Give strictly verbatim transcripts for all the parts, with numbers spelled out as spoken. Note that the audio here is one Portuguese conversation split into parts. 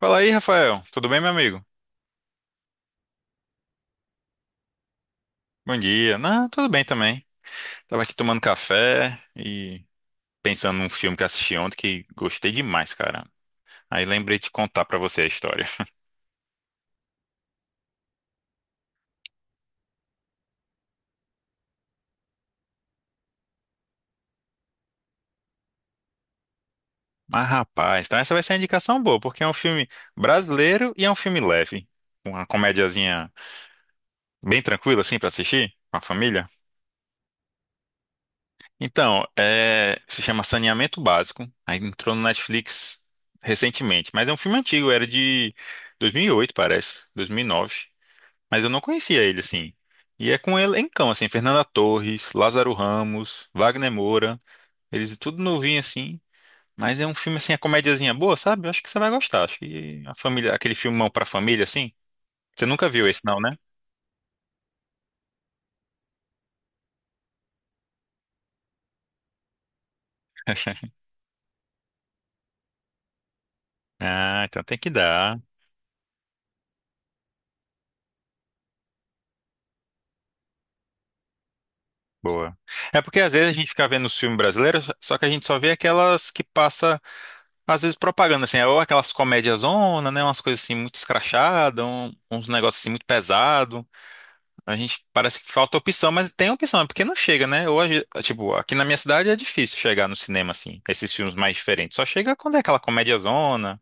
Fala aí, Rafael. Tudo bem, meu amigo? Bom dia. Não, tudo bem também. Tava aqui tomando café e pensando num filme que assisti ontem que gostei demais, cara. Aí lembrei de contar pra você a história. Mas, rapaz, então essa vai ser uma indicação boa, porque é um filme brasileiro e é um filme leve. Uma comediazinha bem tranquila, assim, pra assistir com a família. Então, é... se chama Saneamento Básico. Aí entrou no Netflix recentemente, mas é um filme antigo, era de dois mil e oito, parece, dois mil e nove. Mas eu não conhecia ele, assim. E é com um elencão, assim, Fernanda Torres, Lázaro Ramos, Wagner Moura, eles tudo novinho, assim. Mas é um filme, assim, a comédiazinha boa, sabe? Eu acho que você vai gostar. Acho que a família, aquele filmão pra família, assim. Você nunca viu esse, não, né? Ah, então tem que dar. Boa. É porque às vezes a gente fica vendo os filmes brasileiros, só que a gente só vê aquelas que passa, às vezes, propaganda, assim, é ou aquelas comédias zona, né? Umas coisas assim muito escrachadas, um- uns negócios assim muito pesados. A gente parece que falta opção, mas tem opção, é porque não chega, né? Hoje, tipo, aqui na minha cidade é difícil chegar no cinema, assim, esses filmes mais diferentes. Só chega quando é aquela comédiazona,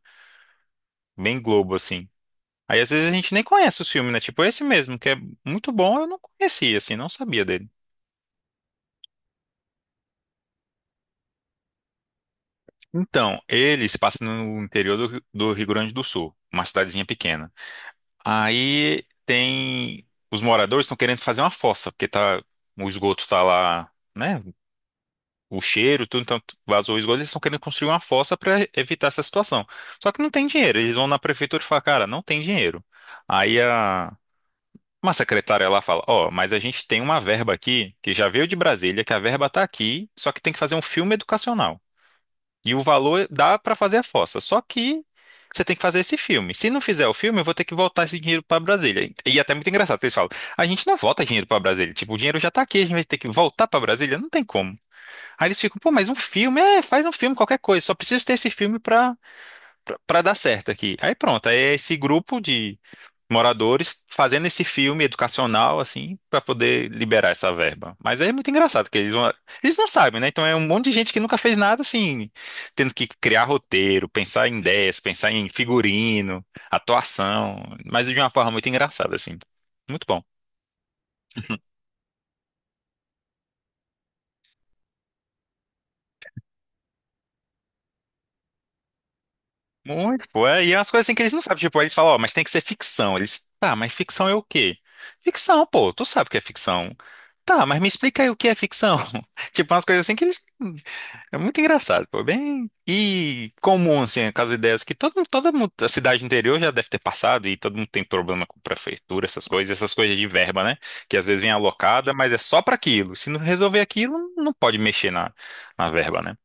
bem Globo, assim. Aí às vezes a gente nem conhece os filmes, né? Tipo esse mesmo, que é muito bom, eu não conhecia, assim, não sabia dele. Então, ele se passa no interior do, Rio- do Rio Grande do Sul, uma cidadezinha pequena. Aí tem. Os moradores estão querendo fazer uma fossa, porque tá, o esgoto tá lá, né? o cheiro, tudo, então vazou o esgoto, eles estão querendo construir uma fossa para evitar essa situação. Só que não tem dinheiro, eles vão na prefeitura e falam, cara, não tem dinheiro. Aí a uma secretária lá fala, ó, mas a gente tem uma verba aqui que já veio de Brasília, que a verba tá aqui, só que tem que fazer um filme educacional. E o valor dá para fazer a fossa, só que Você tem que fazer esse filme. Se não fizer o filme, eu vou ter que voltar esse dinheiro para Brasília. E é até é muito engraçado, que eles falam: a gente não volta dinheiro para Brasília. Tipo, o dinheiro já tá aqui, a gente vai ter que voltar para Brasília? Não tem como. Aí eles ficam, pô, mas um filme, é, faz um filme, qualquer coisa, só preciso ter esse filme pra, pra, pra dar certo aqui. Aí pronto, aí é esse grupo de moradores fazendo esse filme educacional, assim, pra poder liberar essa verba. Mas aí é muito engraçado, que eles vão, eles não sabem, né? Então é um monte de gente que nunca fez nada, assim, tendo que criar roteiro, pensar em ideias, pensar em figurino, atuação, mas de uma forma muito engraçada, assim. Muito bom. Muito, pô. É, e é umas coisas assim que eles não sabem. Tipo, aí eles falam, ó, mas tem que ser ficção. Eles, tá, mas ficção é o quê? Ficção, pô, tu sabe o que é ficção. Tá, mas me explica aí o que é ficção. Tipo, umas coisas assim que eles. É muito engraçado, pô. Bem. E comum, assim, aquelas ideias que todo, toda mu- a cidade interior já deve ter passado e todo mundo tem problema com prefeitura, essas coisas, essas coisas de verba, né? Que às vezes vem alocada, mas é só pra aquilo. Se não resolver aquilo, não pode mexer na, na verba, né?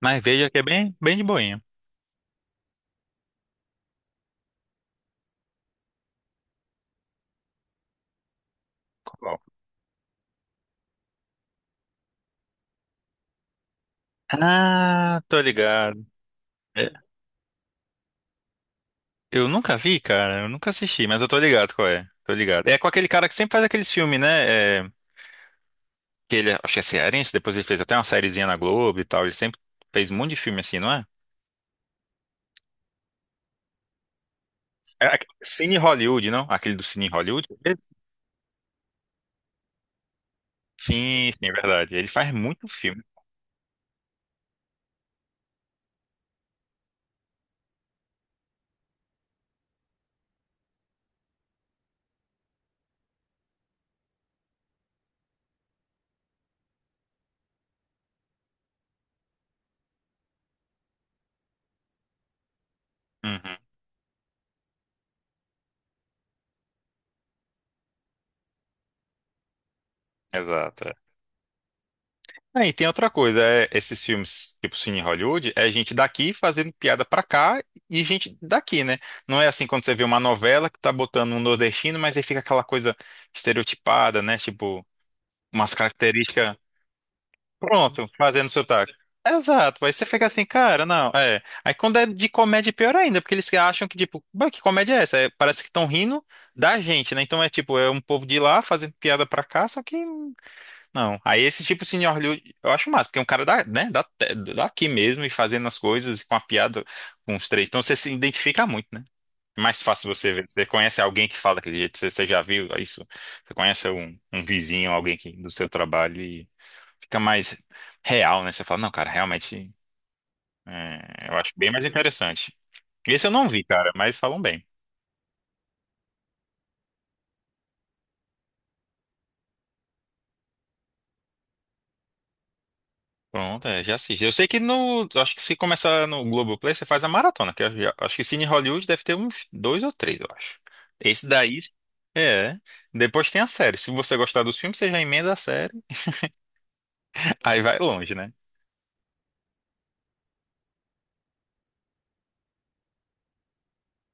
Mas veja que é bem, bem de boinha. Ah, tô ligado. É, Eu nunca vi, cara. Eu nunca assisti, mas eu tô ligado qual é. Tô ligado. É com aquele cara que sempre faz aqueles filmes, né? é, que ele, é, acho que é cearense, depois ele fez até uma sériezinha na Globo e tal. Ele sempre fez um monte de filme assim, não é? É, aque- Cine Hollywood, não? Aquele do Cine Hollywood? Sim, sim, é verdade. Ele faz muito filme. Uhum, exato. é. Ah, e tem outra coisa, é, esses filmes, tipo Cine Hollywood, é gente daqui fazendo piada pra cá e gente daqui, né? Não é assim quando você vê uma novela que tá botando um nordestino, mas aí fica aquela coisa estereotipada, né? Tipo, umas características, pronto, fazendo sotaque. Exato, aí você fica assim, cara, não, é. Aí quando é de comédia, é pior ainda, porque eles acham que, tipo, "Bah, que comédia é essa? É, parece que estão rindo da gente, né? Então é tipo, é um povo de lá fazendo piada pra cá, só que não. Aí esse tipo assim, de senhor Liu, eu acho massa, porque é um cara da, né, da, daqui mesmo e fazendo as coisas com a piada com os três. Então você se identifica muito, né? É Mais fácil você ver. Você conhece alguém que fala daquele jeito, você, você já viu isso? Você conhece um, um vizinho, alguém que, do seu trabalho e fica mais real, né? Você fala, não, cara, realmente, é, eu acho bem mais interessante. Esse eu não vi, cara, mas falam bem. Pronto, é, já assisto. Eu sei que no. eu Acho que se começar no Globoplay, você faz a maratona, que eu já- acho que Cine Hollywood deve ter uns dois ou três, eu acho. Esse daí. É. Depois tem a série. Se você gostar dos filmes, você já emenda a série. Aí vai longe, né?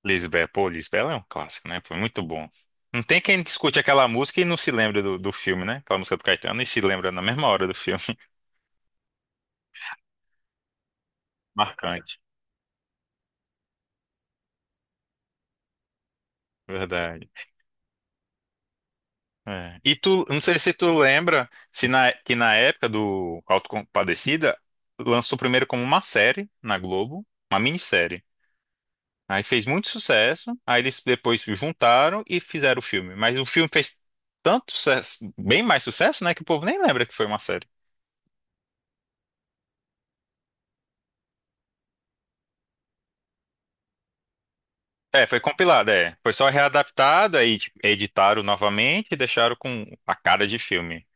Lisbela, pô, Lisbela é um clássico, né? Foi muito bom. Não tem quem escute aquela música e não se lembra do, do filme, né? Aquela música do Caetano e se lembra na mesma hora do filme. Marcante. Verdade. É. E tu, não sei se tu lembra, se na, que na época do Autocompadecida, lançou primeiro como uma série na Globo, uma minissérie. Aí fez muito sucesso, aí eles depois se juntaram e fizeram o filme. Mas o filme fez tanto sucesso, bem mais sucesso, né, que o povo nem lembra que foi uma série. É, foi compilado, é. Foi só readaptado, aí tipo, editaram novamente e deixaram com a cara de filme.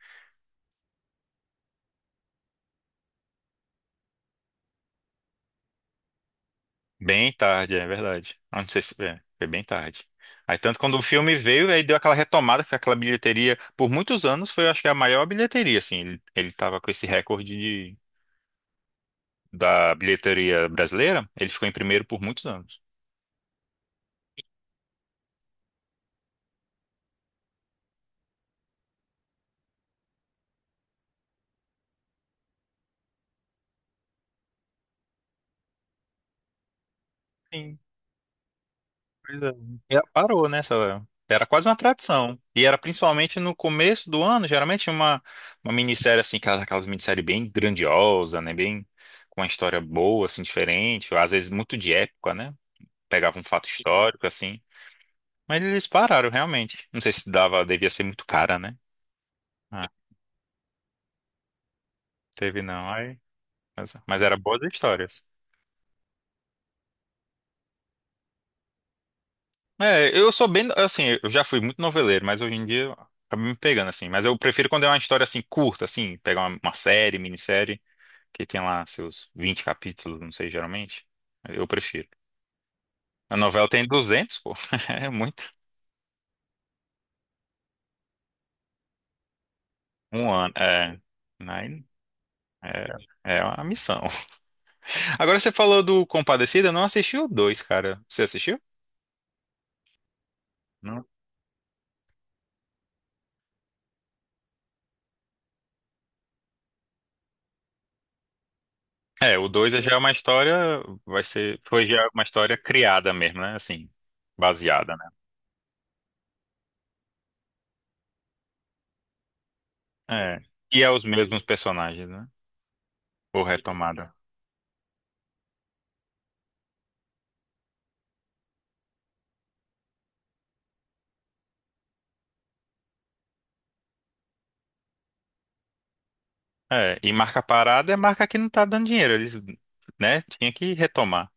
Bem tarde, é verdade. Ah, Não sei se é, foi bem tarde. Aí tanto quando o filme veio, aí deu aquela retomada, foi aquela bilheteria. Por muitos anos foi, acho que a maior bilheteria, assim. Ele, ele tava com esse recorde de, da bilheteria brasileira. Ele ficou em primeiro por muitos anos. Sim. Pois é. E parou, né? essa- Era quase uma tradição. E era principalmente no começo do ano, geralmente tinha uma, uma minissérie, assim, aquelas aquelas minissérie bem grandiosa, né? Bem com uma história boa, assim, diferente. Às vezes muito de época, né? pegava um fato histórico, assim. Mas eles pararam, realmente. Não sei se dava, devia ser muito cara, né? Ah, teve não. Aí, mas, mas era boas histórias. É, eu sou bem, assim, eu já fui muito noveleiro, mas hoje em dia eu acabo me pegando, assim. Mas eu prefiro quando é uma história, assim, curta, assim, pegar uma, uma série, minissérie, que tem lá seus vinte capítulos, não sei, geralmente. Eu prefiro. A novela tem duzentos, pô. É muito. Um ano. É. Aí, É, é uma missão. Agora você falou do Compadecida, eu não assisti o dois, cara. Você assistiu? Não. É, o dois é já uma história, vai ser, foi já uma história criada mesmo, né? Assim, baseada, né? É. E é os mesmos personagens, né? Ou retomada. É, e marca parada é marca que não tá dando dinheiro, eles, né? Tinha que retomar.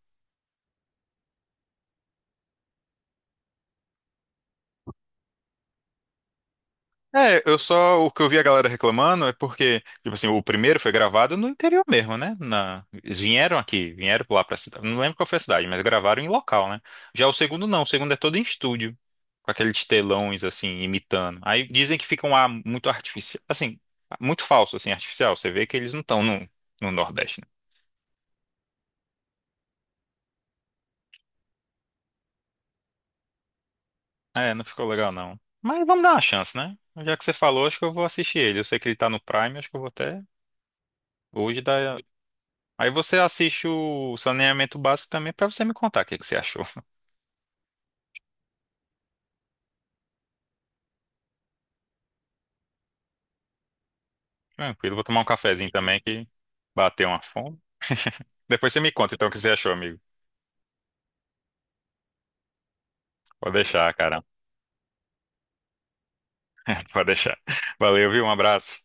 É, eu só, o que eu vi a galera reclamando é porque, tipo assim, o primeiro foi gravado no interior mesmo, né? Na, eles vieram aqui, vieram lá pra cidade, não lembro qual foi a cidade, mas gravaram em local, né? Já o segundo não, o segundo é todo em estúdio, com aqueles telões, assim, imitando. Aí dizem que fica um ar muito artificial, assim, muito falso, assim, artificial. Você vê que eles não estão no, no Nordeste, né? É, não ficou legal não. Mas vamos dar uma chance, né? Já que você falou, acho que eu vou assistir ele. Eu sei que ele tá no Prime, acho que eu vou até hoje dar, Aí você assiste o Saneamento Básico também pra você me contar o que que você achou. Tranquilo, vou tomar um cafezinho também que bateu uma fome. Depois você me conta então o que você achou, amigo. Pode deixar, cara. Pode deixar. Valeu, viu? Um abraço.